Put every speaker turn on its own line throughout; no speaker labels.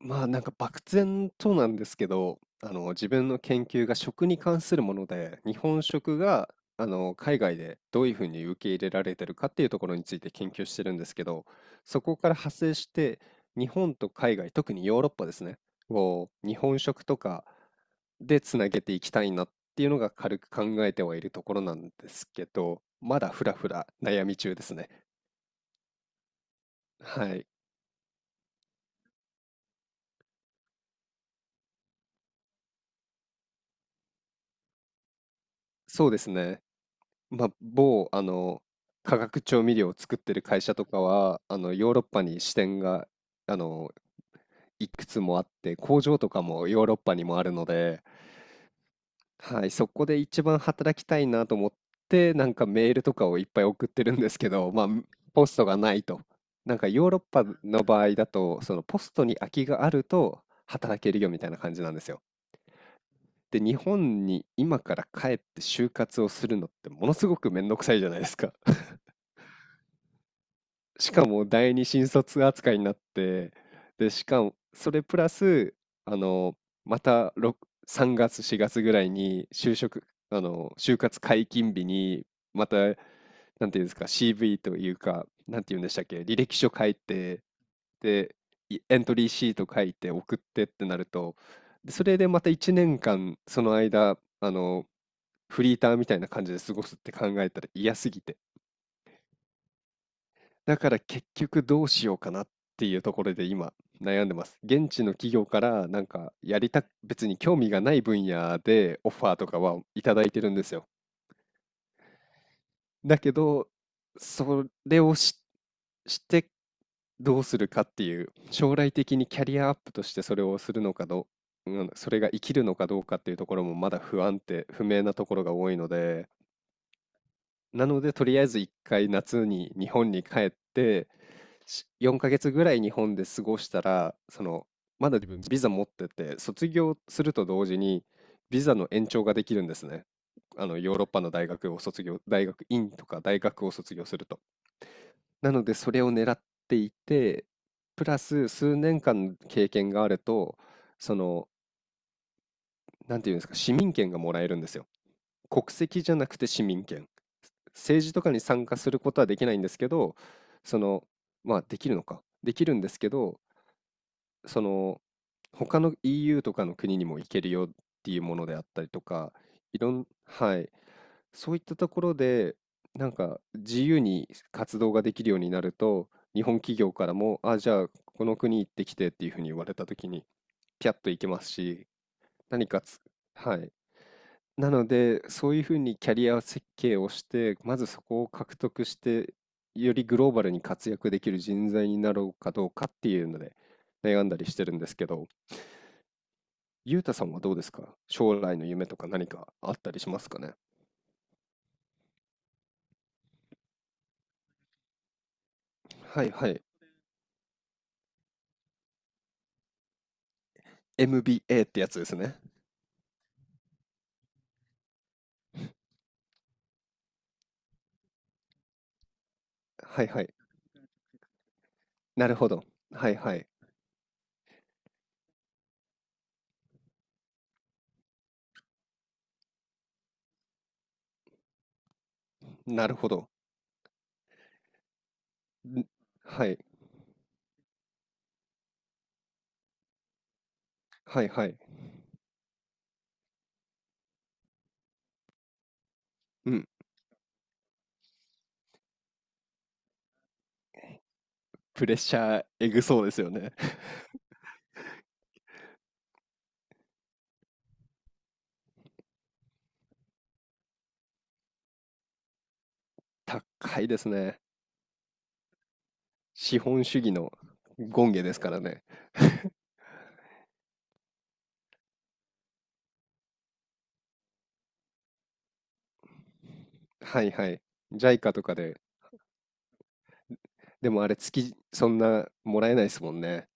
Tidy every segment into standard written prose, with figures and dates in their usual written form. まあなんか漠然となんですけど、自分の研究が食に関するもので、日本食が海外でどういうふうに受け入れられてるかっていうところについて研究してるんですけど、そこから派生して日本と海外、特にヨーロッパですね、を日本食とかでつなげていきたいなっていうのが軽く考えてはいるところなんですけど、まだふらふら悩み中ですね。はい、そうですね。まあ、某、化学調味料を作ってる会社とかは、ヨーロッパに支店が、あの、いくつもあって、工場とかもヨーロッパにもあるので、はい、そこで一番働きたいなと思って、なんかメールとかをいっぱい送ってるんですけど、まあ、ポストがないと。なんかヨーロッパの場合だと、そのポストに空きがあると働けるよみたいな感じなんですよ。で、日本に今から帰って就活をするのってものすごくめんどくさいじゃないですか。しかも第二新卒扱いになって、で、しかも、それプラス、あの、また6 3月、4月ぐらいに就職、就活解禁日に、また、なんていうんですか、CV というか、なんていうんでしたっけ、履歴書書いて、で、エントリーシート書いて送ってってなると、でそれでまた1年間、その間、フリーターみたいな感じで過ごすって考えたら嫌すぎて。だから結局どうしようかなっていうところで今悩んでます。現地の企業からなんかやりたく、別に興味がない分野でオファーとかはいただいてるんですよ。だけど、それをし、してどうするかっていう、将来的にキャリアアップとしてそれをするのかどう、うん、それが生きるのかどうかっていうところもまだ不安定、不明なところが多いので、なのでとりあえず一回夏に日本に帰って、4ヶ月ぐらい日本で過ごしたら、その、まだ自分ビザ持ってて、卒業すると同時に、ビザの延長ができるんですね。ヨーロッパの大学を卒業、大学院とか大学を卒業すると。なので、それを狙っていて、プラス数年間経験があると、その、なんていうんですか、市民権がもらえるんですよ。国籍じゃなくて市民権。政治とかに参加することはできないんですけど、その、まあできるのか。できるんですけど、その他の EU とかの国にも行けるよっていうものであったりとか、いろん、はい、そういったところで、なんか自由に活動ができるようになると、日本企業からも、あ、じゃあこの国行ってきてっていうふうに言われたときに、ピャッと行けますし、何かつ、はい。なので、そういうふうにキャリア設計をして、まずそこを獲得して、よりグローバルに活躍できる人材になろうかどうかっていうので、悩んだりしてるんですけど、ゆうたさんはどうですか？将来の夢とか何かあったりしますかね？はいはい。MBA ってやつですね。はいはい。なるほど。はいはい。なるほど。んはいはいはい。うん。プレッシャーえぐそうですよね。高いですね。資本主義の権下ですからね。はいはい。JICA とかで。でもあれ月そんなもらえないですもんね。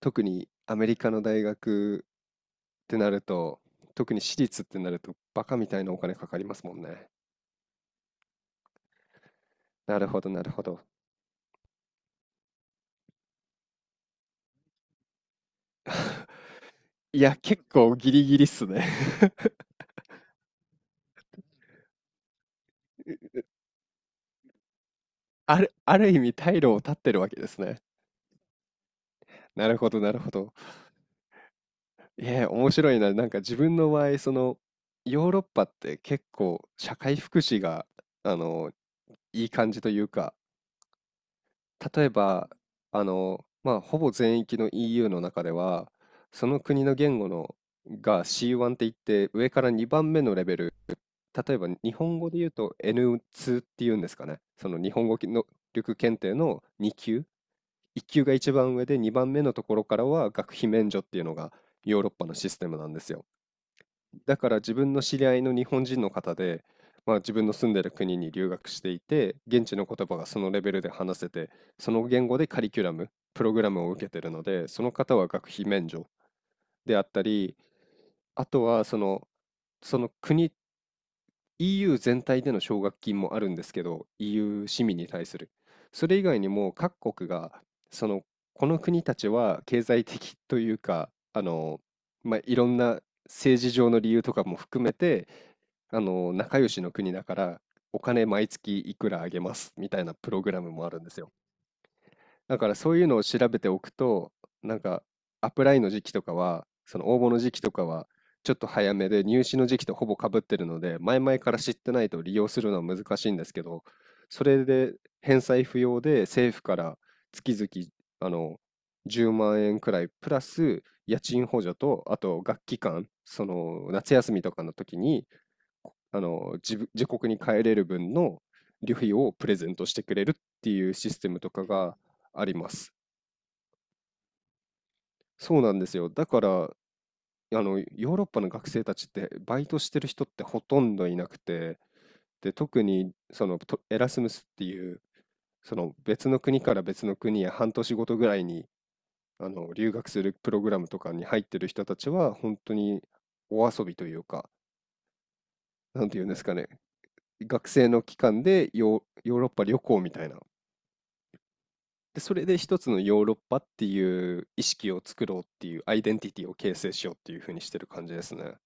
特にアメリカの大学ってなると、特に私立ってなるとバカみたいなお金かかりますもんね。なるほど、なるほど。いや、結構ギリギリっすね。ある意味退路を断ってるわけですね。なるほど、なるほど。面白いな。なんか自分の場合、その、ヨーロッパって結構社会福祉が、あの、いい感じというか、例えば、まあ、ほぼ全域の EU の中では、その国の言語のが C1 って言って、上から2番目のレベル。例えば日本語で言うと N2 っていうんですかね。その日本語能力検定の2級、1級が一番上で2番目のところからは学費免除っていうのがヨーロッパのシステムなんですよ。だから自分の知り合いの日本人の方で、まあ、自分の住んでる国に留学していて、現地の言葉がそのレベルで話せて、その言語でカリキュラム、プログラムを受けてるので、その方は学費免除であったり、あとは、その国、EU 全体での奨学金もあるんですけど、EU 市民に対する。それ以外にも各国が、その、この国たちは経済的というか、まあ、いろんな政治上の理由とかも含めて、仲良しの国だから、お金毎月いくらあげますみたいなプログラムもあるんですよ。だからそういうのを調べておくと、なんかアップライの時期とかは、その応募の時期とかは、ちょっと早めで入試の時期とほぼかぶってるので、前々から知ってないと利用するのは難しいんですけど、それで返済不要で政府から月々あの10万円くらいプラス家賃補助と、あと学期間、その夏休みとかの時に自国に帰れる分の旅費をプレゼントしてくれるっていうシステムとかがあります。そうなんですよ。だから、ヨーロッパの学生たちってバイトしてる人ってほとんどいなくて、で、特にそのとエラスムスっていう、その別の国から別の国へ半年ごとぐらいに留学するプログラムとかに入ってる人たちは本当にお遊びというか、なんていうんですかね、学生の期間でヨーロッパ旅行みたいな。で、それで一つのヨーロッパっていう意識を作ろうっていうアイデンティティを形成しようっていう風にしてる感じですね。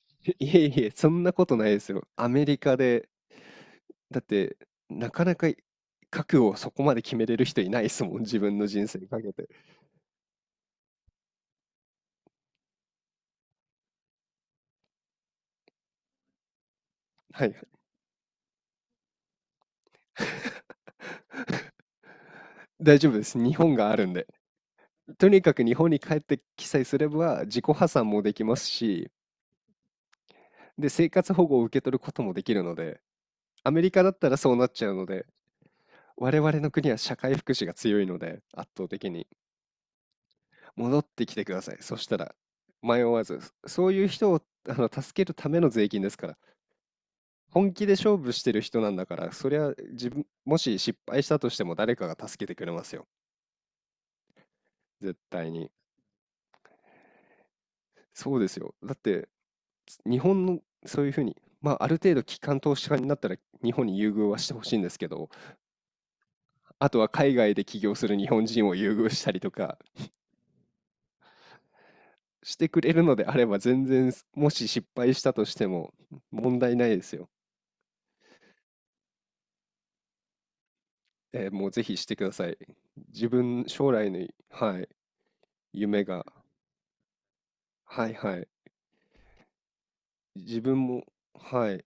いえいえ、そんなことないですよ。アメリカで、だってなかなか覚悟をそこまで決めれる人いないですもん、自分の人生にかけて。はい、大丈夫です。日本があるんで。とにかく日本に帰ってきさえすれば自己破産もできますし、で、生活保護を受け取ることもできるので、アメリカだったらそうなっちゃうので、我々の国は社会福祉が強いので、圧倒的に。戻ってきてください。そしたら迷わず、そういう人を助けるための税金ですから、本気で勝負してる人なんだから、そりゃ自分、もし失敗したとしても誰かが助けてくれますよ。絶対に。そうですよ。だって、日本のそういうふうに、まあ、ある程度、機関投資家になったら日本に優遇はしてほしいんですけど、あとは海外で起業する日本人を優遇したりとかしてくれるのであれば、全然、もし失敗したとしても問題ないですよ。ええ、もうぜひしてください。自分将来のはい、夢がはいはい。自分もはい。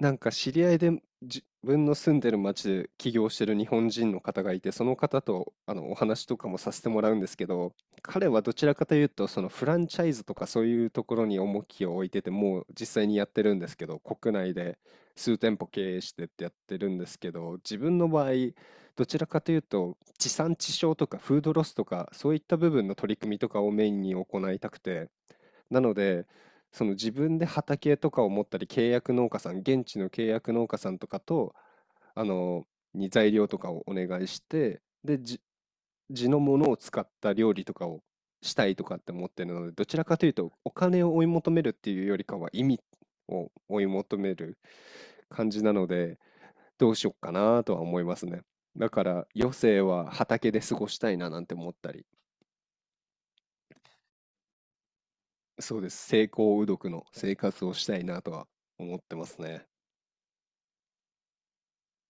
なんか知り合いで、自分の住んでる町で起業してる日本人の方がいて、その方とお話とかもさせてもらうんですけど、彼はどちらかというと、そのフランチャイズとかそういうところに重きを置いてて、もう実際にやってるんですけど、国内で数店舗経営してってやってるんですけど、自分の場合、どちらかというと、地産地消とかフードロスとか、そういった部分の取り組みとかをメインに行いたくて、なので、その自分で畑とかを持ったり、契約農家さん、現地の契約農家さんとかと、あの、に材料とかをお願いして、で、地のものを使った料理とかをしたいとかって思ってるので、どちらかというと、お金を追い求めるっていうよりかは、意味を追い求める感じなので、どうしよっかなとは思いますね。だから、余生は畑で過ごしたいななんて思ったり。そうです。成功うどくの生活をしたいなとは思ってますね。